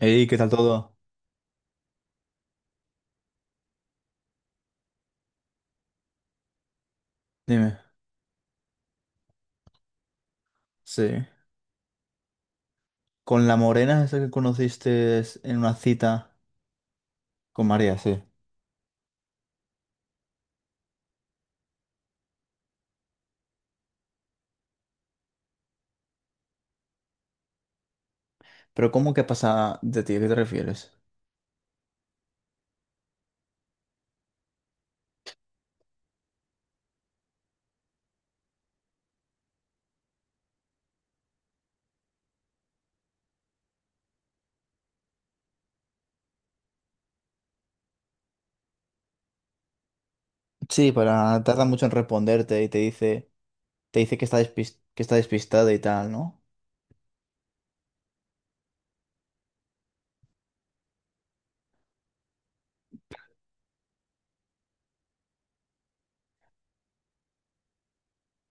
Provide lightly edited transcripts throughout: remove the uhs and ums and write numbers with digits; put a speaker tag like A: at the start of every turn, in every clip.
A: Ey, ¿qué tal todo? Dime. Sí. Con la morena esa que conociste en una cita con María, sí. Pero ¿cómo que pasa de ti? ¿A qué te refieres? Sí, para tarda mucho en responderte y te dice que que está despistada y tal, ¿no?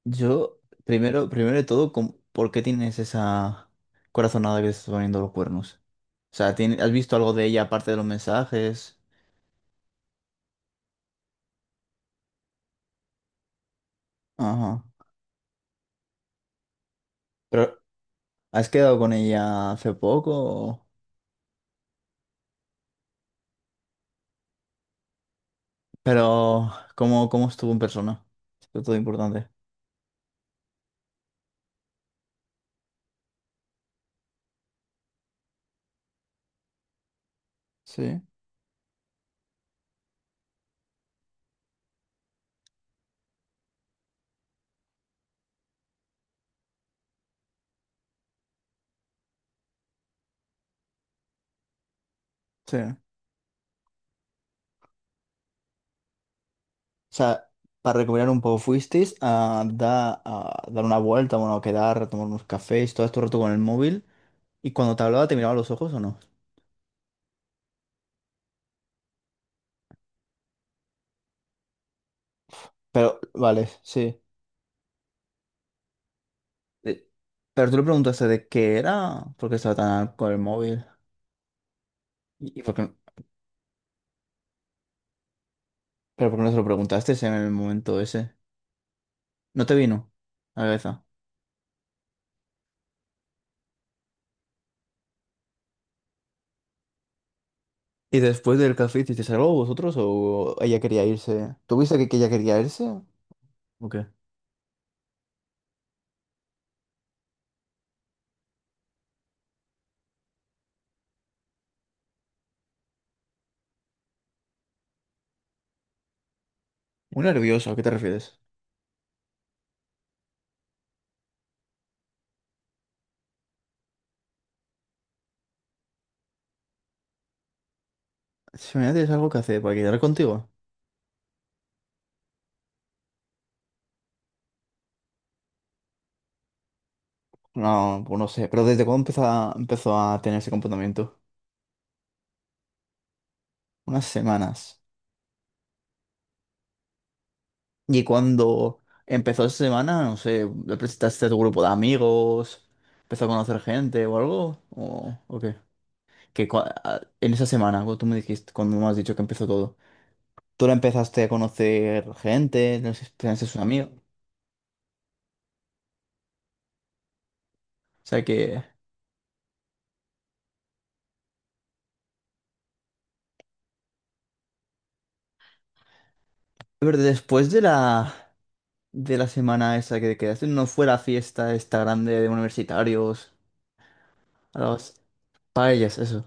A: Yo, primero de todo, ¿por qué tienes esa corazonada que te estás poniendo los cuernos? O sea, ¿has visto algo de ella aparte de los mensajes? Ajá. Pero, ¿has quedado con ella hace poco? ¿O? Pero, ¿cómo estuvo en persona? Esto es todo importante. Sí, sí. O sea, para recuperar un poco, ¿fuisteis a dar una vuelta, bueno, a quedar, a tomar unos cafés, todo este rato con el móvil? ¿Y cuando te hablaba, te miraba a los ojos o no? Pero, vale, sí. Eh, Pero tú le preguntaste de qué era, por qué estaba tan con el móvil. ¿Y y por qué, ¿pero por qué no se lo preguntaste en el momento ese? ¿No te vino a la cabeza? Y después del café, ¿hicisteis algo vosotros o ella quería irse? ¿Tuviste que ella quería irse? ¿O qué? Muy nervioso, ¿a qué te refieres? Si mañana tienes algo que hacer para quedar contigo. No, pues no sé, pero ¿desde cuándo empezó a tener ese comportamiento? Unas semanas. Y cuando empezó esa semana, no sé, ¿le presentaste a tu grupo de amigos? ¿Empezó a conocer gente o algo? ¿O qué? En esa semana, cuando tú me dijiste, cuando me has dicho que empezó todo, ¿tú la empezaste a conocer gente? ¿No sé, sus amigos? O sea que... Pero de la semana esa que te quedaste, no fue la fiesta esta grande de universitarios, a las paellas, eso.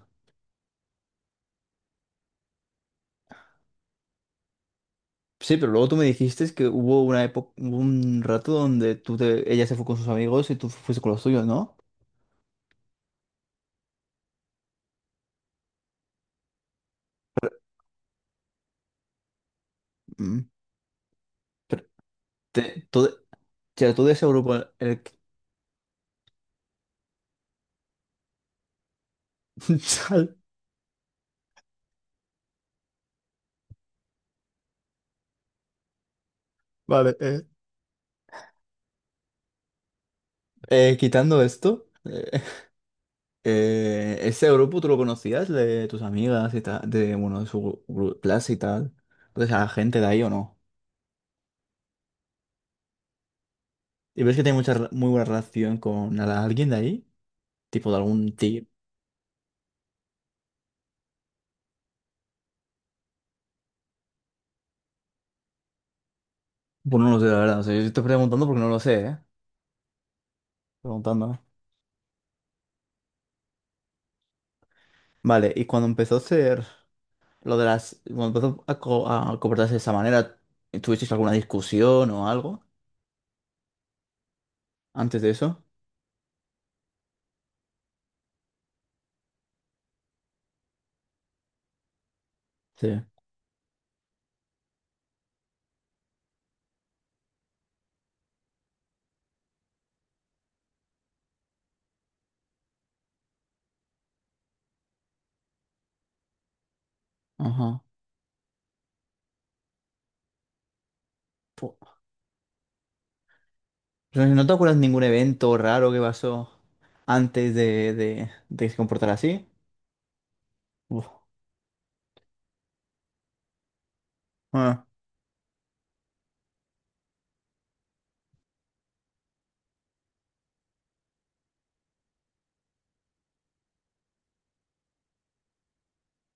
A: Sí, pero luego tú me dijiste que hubo una época, un rato donde ella se fue con sus amigos y tú fuiste con los tuyos, ¿no? Mm. Pero te, todo, todo ese grupo... Vale, quitando esto. Ese grupo tú lo conocías de tus amigas y tal, de, bueno, de su clase y tal. Entonces, a la gente de ahí o no. ¿Y ves que tiene muy buena relación con alguien de ahí? Tipo de algún tío. Pues no lo sé, la verdad. O sea, yo estoy preguntando porque no lo sé, ¿eh? Preguntando. Vale, y cuando empezó a ser lo de las. Cuando a comportarse de esa manera, ¿tuvisteis alguna discusión o algo antes de eso? Sí. Ajá. Pu- Pero no te acuerdas de ningún evento raro que pasó antes de que se comportara así. Uf, ah.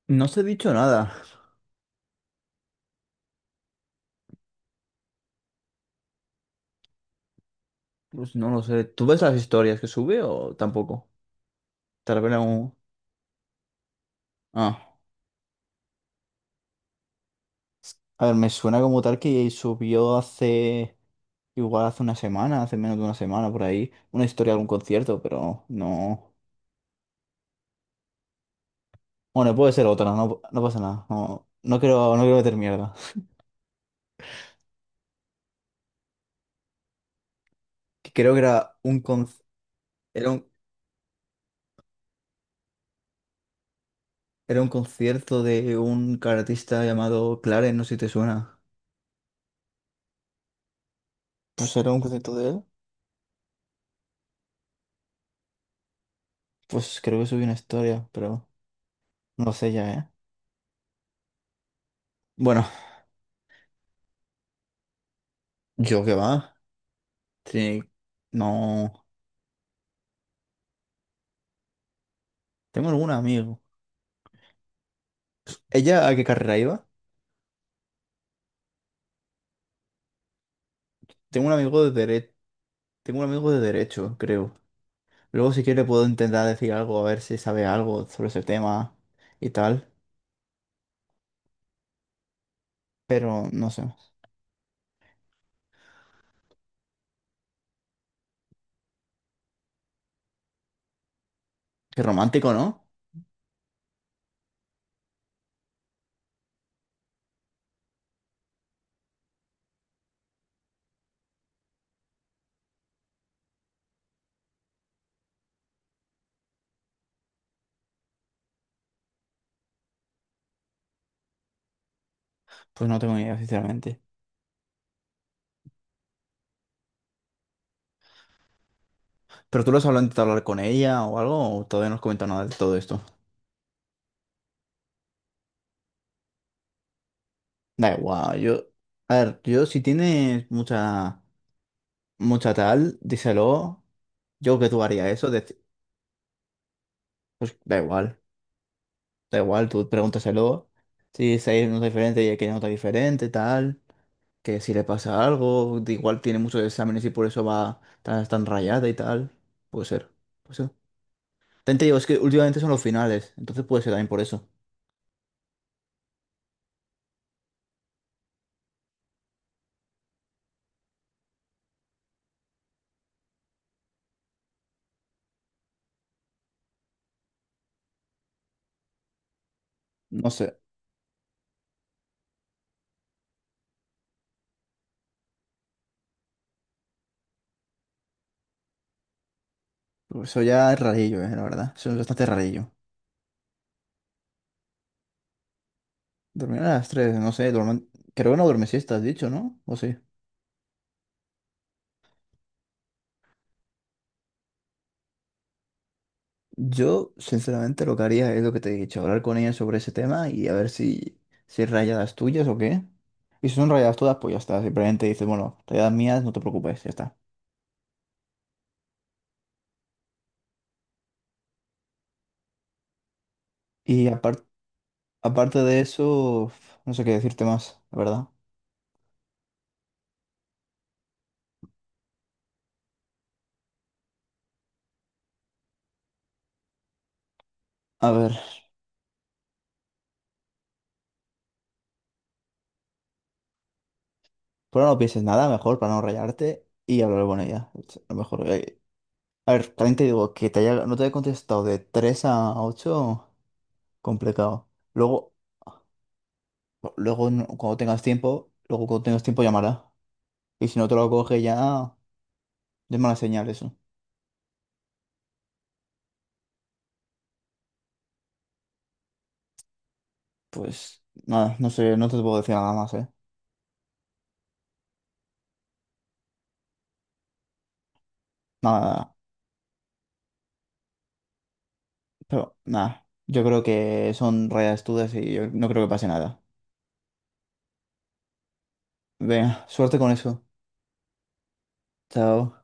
A: No se ha dicho nada. Pues no lo sé. ¿Tú ves las historias que sube o tampoco? Tal vez algún... Ah. A ver, me suena como tal que subió hace... Igual hace una semana, hace menos de una semana por ahí, una historia de algún concierto, pero no... Bueno, puede ser otra, no, no pasa nada. No quiero meter mierda. Que creo que era un, era un concierto de un artista llamado Clarence, no sé si te suena. No sé, era un concierto de él. Pues creo que subí una historia, pero no sé ya, ¿eh? Bueno, yo qué va. Sí. No. Tengo algún amigo. ¿Ella a qué carrera iba? Tengo un amigo de dere... Tengo un amigo de derecho, creo. Luego si quiere puedo intentar decir algo, a ver si sabe algo sobre ese tema y tal. Pero no sé. Qué romántico, ¿no? Pues no tengo ni idea, sinceramente. ¿Pero tú lo has hablado, intentado hablar con ella o algo? ¿O todavía no has comentado nada de todo esto? Da igual, yo... A ver, yo si tienes mucha... mucha tal, díselo. Yo que tú haría eso, pues da igual, tú pregúntaselo. Si se nota diferente y el que no nota diferente, tal, que si le pasa algo, de igual tiene muchos exámenes y por eso va tan rayada y tal. Puede ser, puede ser. También te digo, es que últimamente son los finales, entonces puede ser también por eso. No sé, pero eso ya es rarillo, la verdad. Eso es bastante rarillo. Dormir a las 3, no sé, creo que no duerme siesta, has dicho, ¿no? ¿O sí? Yo, sinceramente, lo que haría es lo que te he dicho, hablar con ella sobre ese tema y a ver si hay rayadas tuyas o qué. Y si son rayadas todas, pues ya está. Simplemente dices, bueno, rayadas mías, no te preocupes, ya está. Y apar- Aparte de eso, no sé qué decirte más, la verdad. A ver, pero no pienses nada, mejor para no rayarte y hablar con ella. Es lo mejor, eh. A ver, también te digo que no te haya contestado de 3 a 8 complicado. Luego, luego no- Cuando tengas tiempo, luego cuando tengas tiempo llamará. Y si no te lo coge ya, ah, es mala señal eso. Pues nada, no sé, no te puedo decir nada más, ¿eh? Nada, nada. Pero nada, yo creo que son rayas dudas y yo no creo que pase nada. Venga, suerte con eso. Chao.